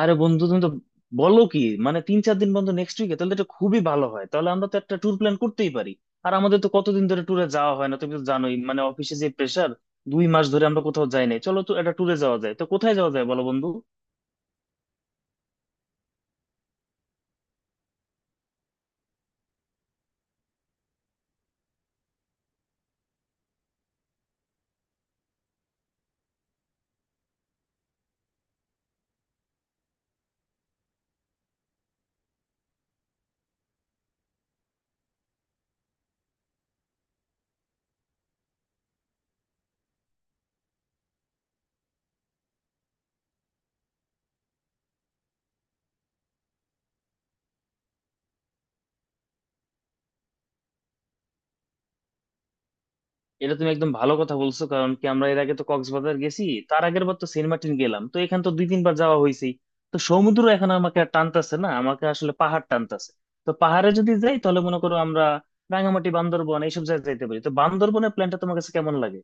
আরে বন্ধু, তুমি তো বলো কি, মানে 3-4 দিন বন্ধু নেক্সট উইকে তাহলে তো এটা খুবই ভালো হয়, তাহলে আমরা তো একটা ট্যুর প্ল্যান করতেই পারি। আর আমাদের তো কতদিন ধরে ট্যুরে যাওয়া হয় না, তুমি তো জানোই মানে অফিসে যে প্রেশার। 2 মাস ধরে আমরা কোথাও যাই নাই, চলো তো একটা ট্যুরে যাওয়া যায়, তো কোথায় যাওয়া যায় বলো বন্ধু। এটা তুমি একদম ভালো কথা বলছো, কারণ কি আমরা এর আগে তো কক্সবাজার গেছি। তার আগের বার তো সেন্ট মার্টিন গেলাম, তো এখান তো 2-3 বার যাওয়া হয়েছে। তো সমুদ্র এখন আমাকে আর টানতাছে না, আমাকে আসলে পাহাড় টানতাছে। তো পাহাড়ে যদি যাই তাহলে মনে করো আমরা রাঙামাটি, বান্দরবন এইসব জায়গায় যাইতে পারি, তো বান্দরবনের প্ল্যানটা তোমার কাছে কেমন লাগে?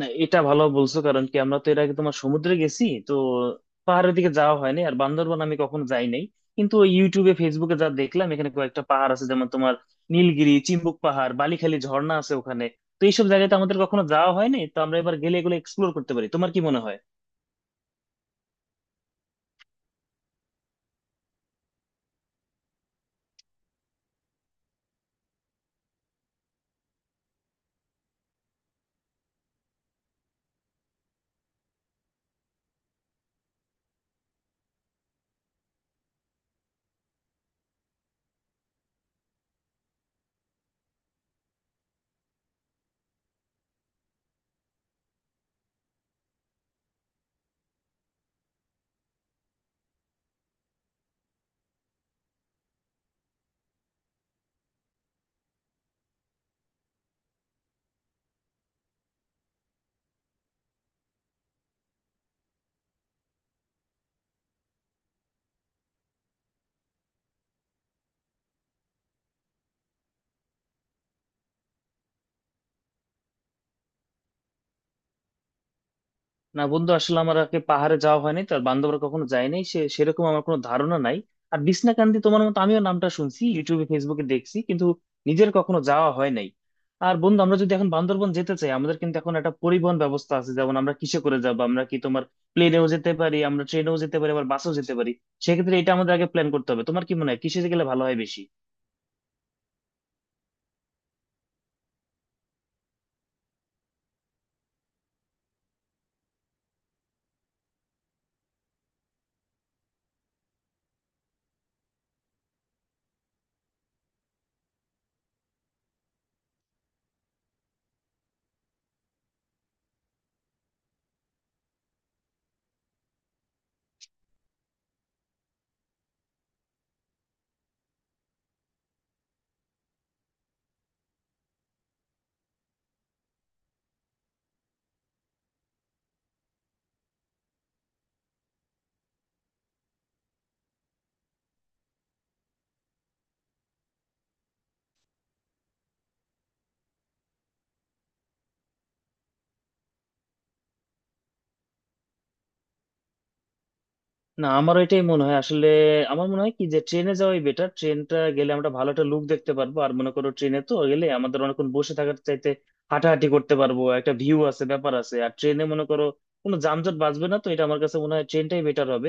না, এটা ভালো বলছো, কারণ কি আমরা তো এর আগে তোমার সমুদ্রে গেছি, তো পাহাড়ের দিকে যাওয়া হয়নি, আর বান্দরবান আমি কখনো যাই নাই। কিন্তু ওই ইউটিউবে ফেসবুকে যা দেখলাম এখানে কয়েকটা পাহাড় আছে, যেমন তোমার নীলগিরি, চিম্বুক পাহাড়, বালিখালি ঝর্ণা আছে ওখানে। তো এইসব জায়গাতে আমাদের কখনো যাওয়া হয়নি, তো আমরা এবার গেলে এগুলো এক্সপ্লোর করতে পারি, তোমার কি মনে হয়? না বন্ধু, আসলে আমার আগে পাহাড়ে যাওয়া হয়নি, তার বান্ধবরা কখনো যায়নি সে, সেরকম আমার কোনো ধারণা নাই। আর বিছনাকান্দি তোমার মতো আমিও নামটা শুনছি, ইউটিউবে ফেসবুকে দেখছি, কিন্তু নিজের কখনো যাওয়া হয় নাই। আর বন্ধু আমরা যদি এখন বান্দরবন যেতে চাই, আমাদের কিন্তু এখন একটা পরিবহন ব্যবস্থা আছে, যেমন আমরা কিসে করে যাবো? আমরা কি তোমার প্লেনেও যেতে পারি, আমরা ট্রেনেও যেতে পারি, আবার বাসেও যেতে পারি। সেক্ষেত্রে এটা আমাদের আগে প্ল্যান করতে হবে, তোমার কি মনে হয় কিসে গেলে ভালো হয় বেশি? না, আমার এটাই মনে হয়, আসলে আমার মনে হয় কি যে ট্রেনে যাওয়াই বেটার। ট্রেনটা গেলে আমরা ভালো একটা লুক দেখতে পারবো, আর মনে করো ট্রেনে তো গেলে আমাদের অনেকক্ষণ বসে থাকার চাইতে হাঁটাহাঁটি করতে পারবো, একটা ভিউ আছে, ব্যাপার আছে, আর ট্রেনে মনে করো কোনো যানজট বাঁচবে না, তো এটা আমার কাছে মনে হয় ট্রেনটাই বেটার হবে।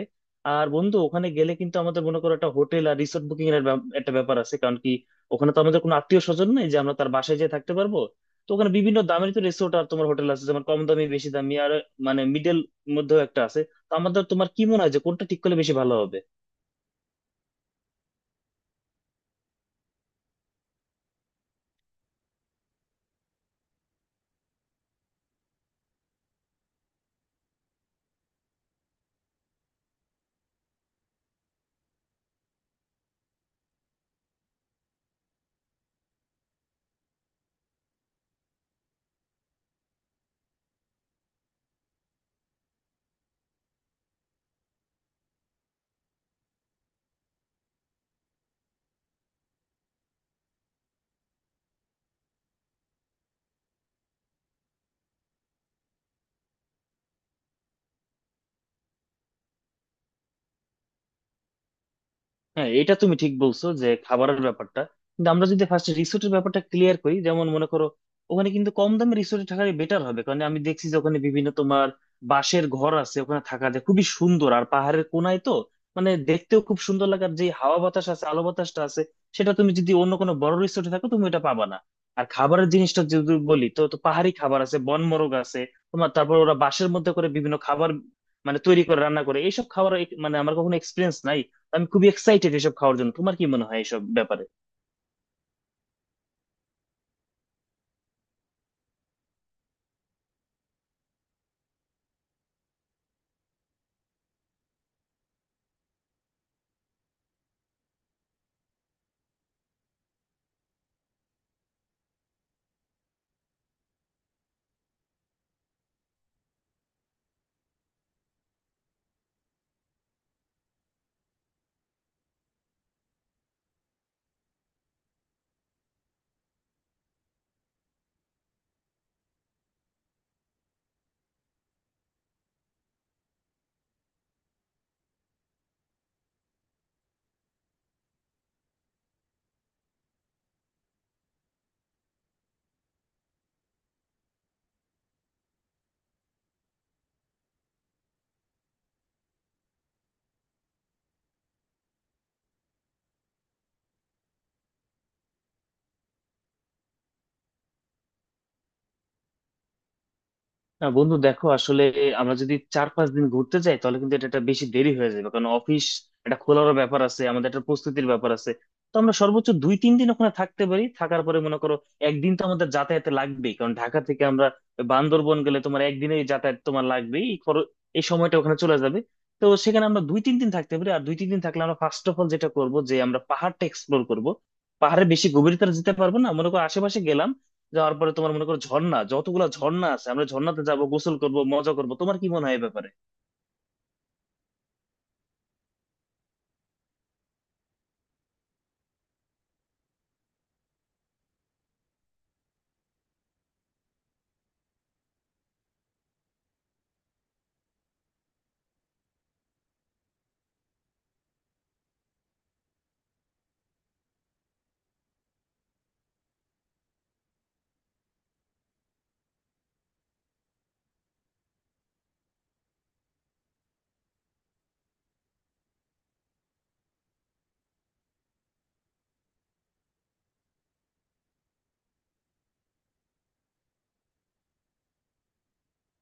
আর বন্ধু ওখানে গেলে কিন্তু আমাদের মনে করো একটা হোটেল আর রিসোর্ট বুকিং এর একটা ব্যাপার আছে, কারণ কি ওখানে তো আমাদের কোনো আত্মীয় স্বজন নেই যে আমরা তার বাসায় যেয়ে থাকতে পারবো। তো ওখানে বিভিন্ন দামের তো রিসোর্ট আর তোমার হোটেল আছে, যেমন কম দামি, বেশি দামি, আর মানে মিডল মধ্যেও একটা আছে। তো আমাদের তোমার কি মনে হয় যে কোনটা ঠিক করলে বেশি ভালো হবে? হ্যাঁ, এটা তুমি ঠিক বলছো যে খাবারের ব্যাপারটা, কিন্তু আমরা যদি ফার্স্ট রিসোর্টের ব্যাপারটা ক্লিয়ার করি, যেমন মনে করো ওখানে কিন্তু কম দামে রিসোর্টে থাকাই বেটার হবে, কারণ আমি দেখছি যে ওখানে বিভিন্ন তোমার বাঁশের ঘর আছে, ওখানে থাকা যায় খুবই সুন্দর, আর পাহাড়ের কোনায় তো মানে দেখতেও খুব সুন্দর লাগে, আর যে হাওয়া বাতাস আছে, আলো বাতাসটা আছে, সেটা তুমি যদি অন্য কোনো বড় রিসোর্টে থাকো তুমি এটা পাবা না। আর খাবারের জিনিসটা যদি বলি তো, তো পাহাড়ি খাবার আছে, বনমোরগ আছে, তোমার, তারপর ওরা বাঁশের মধ্যে করে বিভিন্ন খাবার মানে তৈরি করে রান্না করে এইসব খাবার মানে আমার কখনো এক্সপিরিয়েন্স নাই, আমি খুবই এক্সাইটেড এসব খাওয়ার জন্য, তোমার কি মনে হয় এসব ব্যাপারে? না বন্ধু দেখো, আসলে আমরা যদি 4-5 দিন ঘুরতে যাই তাহলে কিন্তু এটা একটা বেশি দেরি হয়ে যাবে, কারণ অফিস একটা খোলারও ব্যাপার আছে, আমাদের একটা প্রস্তুতির ব্যাপার আছে। তো আমরা সর্বোচ্চ 2-3 দিন ওখানে থাকতে পারি, থাকার পরে মনে করো একদিন তো আমাদের যাতায়াতে লাগবেই, কারণ ঢাকা থেকে আমরা বান্দরবন গেলে তোমার একদিনেই যাতায়াত তোমার লাগবেই, এই খরচ এই সময়টা ওখানে চলে যাবে। তো সেখানে আমরা 2-3 দিন থাকতে পারি, আর 2-3 দিন থাকলে আমরা ফার্স্ট অফ অল যেটা করব যে আমরা পাহাড়টা এক্সপ্লোর করব। পাহাড়ে বেশি গভীরতা যেতে পারবো না, মনে করো আশেপাশে গেলাম, যাওয়ার পরে তোমার মনে করো ঝর্ণা, যতগুলা ঝর্ণা আছে আমরা ঝর্ণাতে যাব, গোসল করব, মজা করব, তোমার কি মনে হয় এই ব্যাপারে?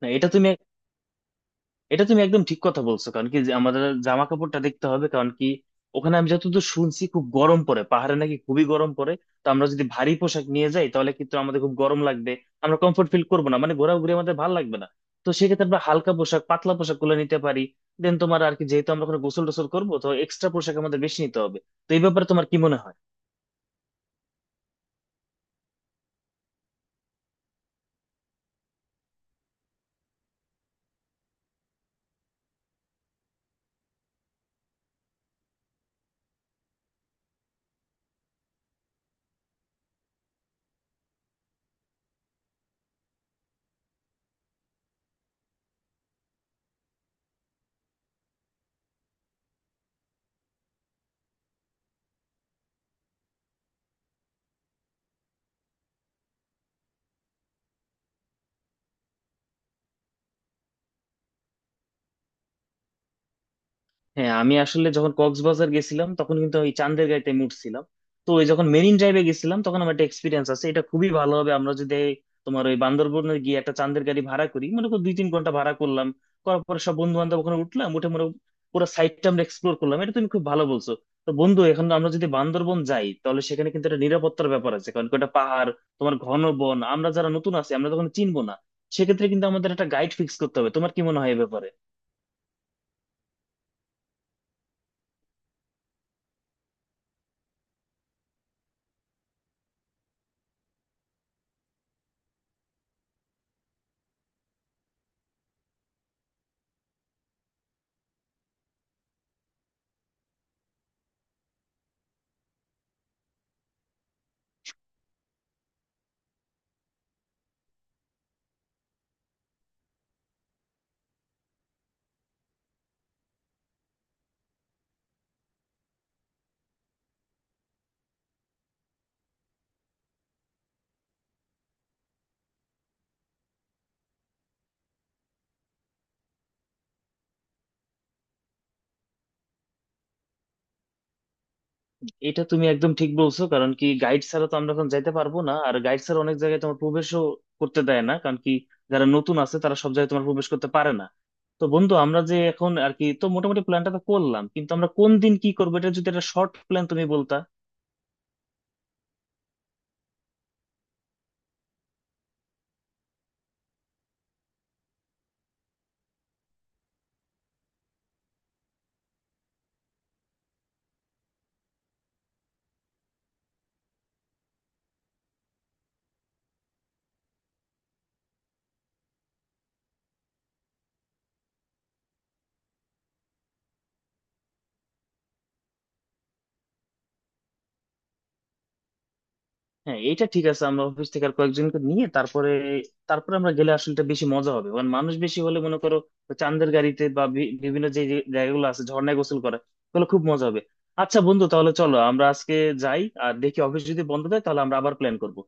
না, এটা তুমি একদম ঠিক কথা বলছো, কারণ কি যে আমাদের জামা কাপড়টা দেখতে হবে, কারণ কি ওখানে আমি যতদূর শুনছি খুব গরম পড়ে, পাহাড়ে নাকি খুবই গরম পড়ে। তো আমরা যদি ভারী পোশাক নিয়ে যাই তাহলে কিন্তু আমাদের খুব গরম লাগবে, আমরা কমফোর্ট ফিল করবো না, মানে ঘোরাঘুরি আমাদের ভালো লাগবে না। তো সেক্ষেত্রে আমরা হালকা পোশাক, পাতলা পোশাক গুলো নিতে পারি, দেন তোমার আর কি যেহেতু আমরা ওখানে গোসল টোসল করবো, তো এক্সট্রা পোশাক আমাদের বেশি নিতে হবে। তো এই ব্যাপারে তোমার কি মনে হয়? হ্যাঁ, আমি আসলে যখন কক্সবাজার গেছিলাম তখন কিন্তু ওই চান্দের গাঁইতে মুড়ছিলাম, তো ওই যখন মেরিন ড্রাইভে গেছিলাম তখন আমার একটা এক্সপিরিয়েন্স আছে। এটা খুবই ভালো হবে আমরা যদি তোমার ওই বান্দরবনে গিয়ে একটা চান্দের গাড়ি ভাড়া করি, মনে করো 2-3 ঘন্টা ভাড়া করলাম, করার পরে সব বন্ধু বান্ধব ওখানে উঠলাম, উঠে মনে করো পুরো সাইডটা আমরা এক্সপ্লোর করলাম, এটা তুমি খুব ভালো বলছো। তো বন্ধু এখন আমরা যদি বান্দরবন যাই তাহলে সেখানে কিন্তু একটা নিরাপত্তার ব্যাপার আছে, কারণ কি ওটা পাহাড়, তোমার ঘন বন, আমরা যারা নতুন আছি আমরা তখন চিনবো না। সেক্ষেত্রে কিন্তু আমাদের একটা গাইড ফিক্স করতে হবে, তোমার কি মনে হয় এ ব্যাপারে? এটা তুমি একদম ঠিক বলছো, কারণ কি গাইড ছাড়া তো আমরা এখন যাইতে পারবো না, আর গাইড ছাড়া অনেক জায়গায় তোমার প্রবেশও করতে দেয় না, কারণ কি যারা নতুন আছে তারা সব জায়গায় তোমার প্রবেশ করতে পারে না। তো বন্ধু আমরা যে এখন আর কি তো মোটামুটি প্ল্যানটা তো করলাম, কিন্তু আমরা কোন দিন কি করবো এটা যদি একটা শর্ট প্ল্যান তুমি বলতা। হ্যাঁ এটা ঠিক আছে, আমরা অফিস থেকে আর কয়েকজনকে নিয়ে তারপরে তারপরে আমরা গেলে আসলে এটা বেশি মজা হবে, কারণ মানুষ বেশি হলে মনে করো চাঁদের গাড়িতে বা বিভিন্ন যে যে জায়গাগুলো আছে, ঝর্ণায় গোসল করা, তাহলে খুব মজা হবে। আচ্ছা বন্ধু, তাহলে চলো আমরা আজকে যাই, আর দেখি অফিস যদি বন্ধ থাকে তাহলে আমরা আবার প্ল্যান করবো।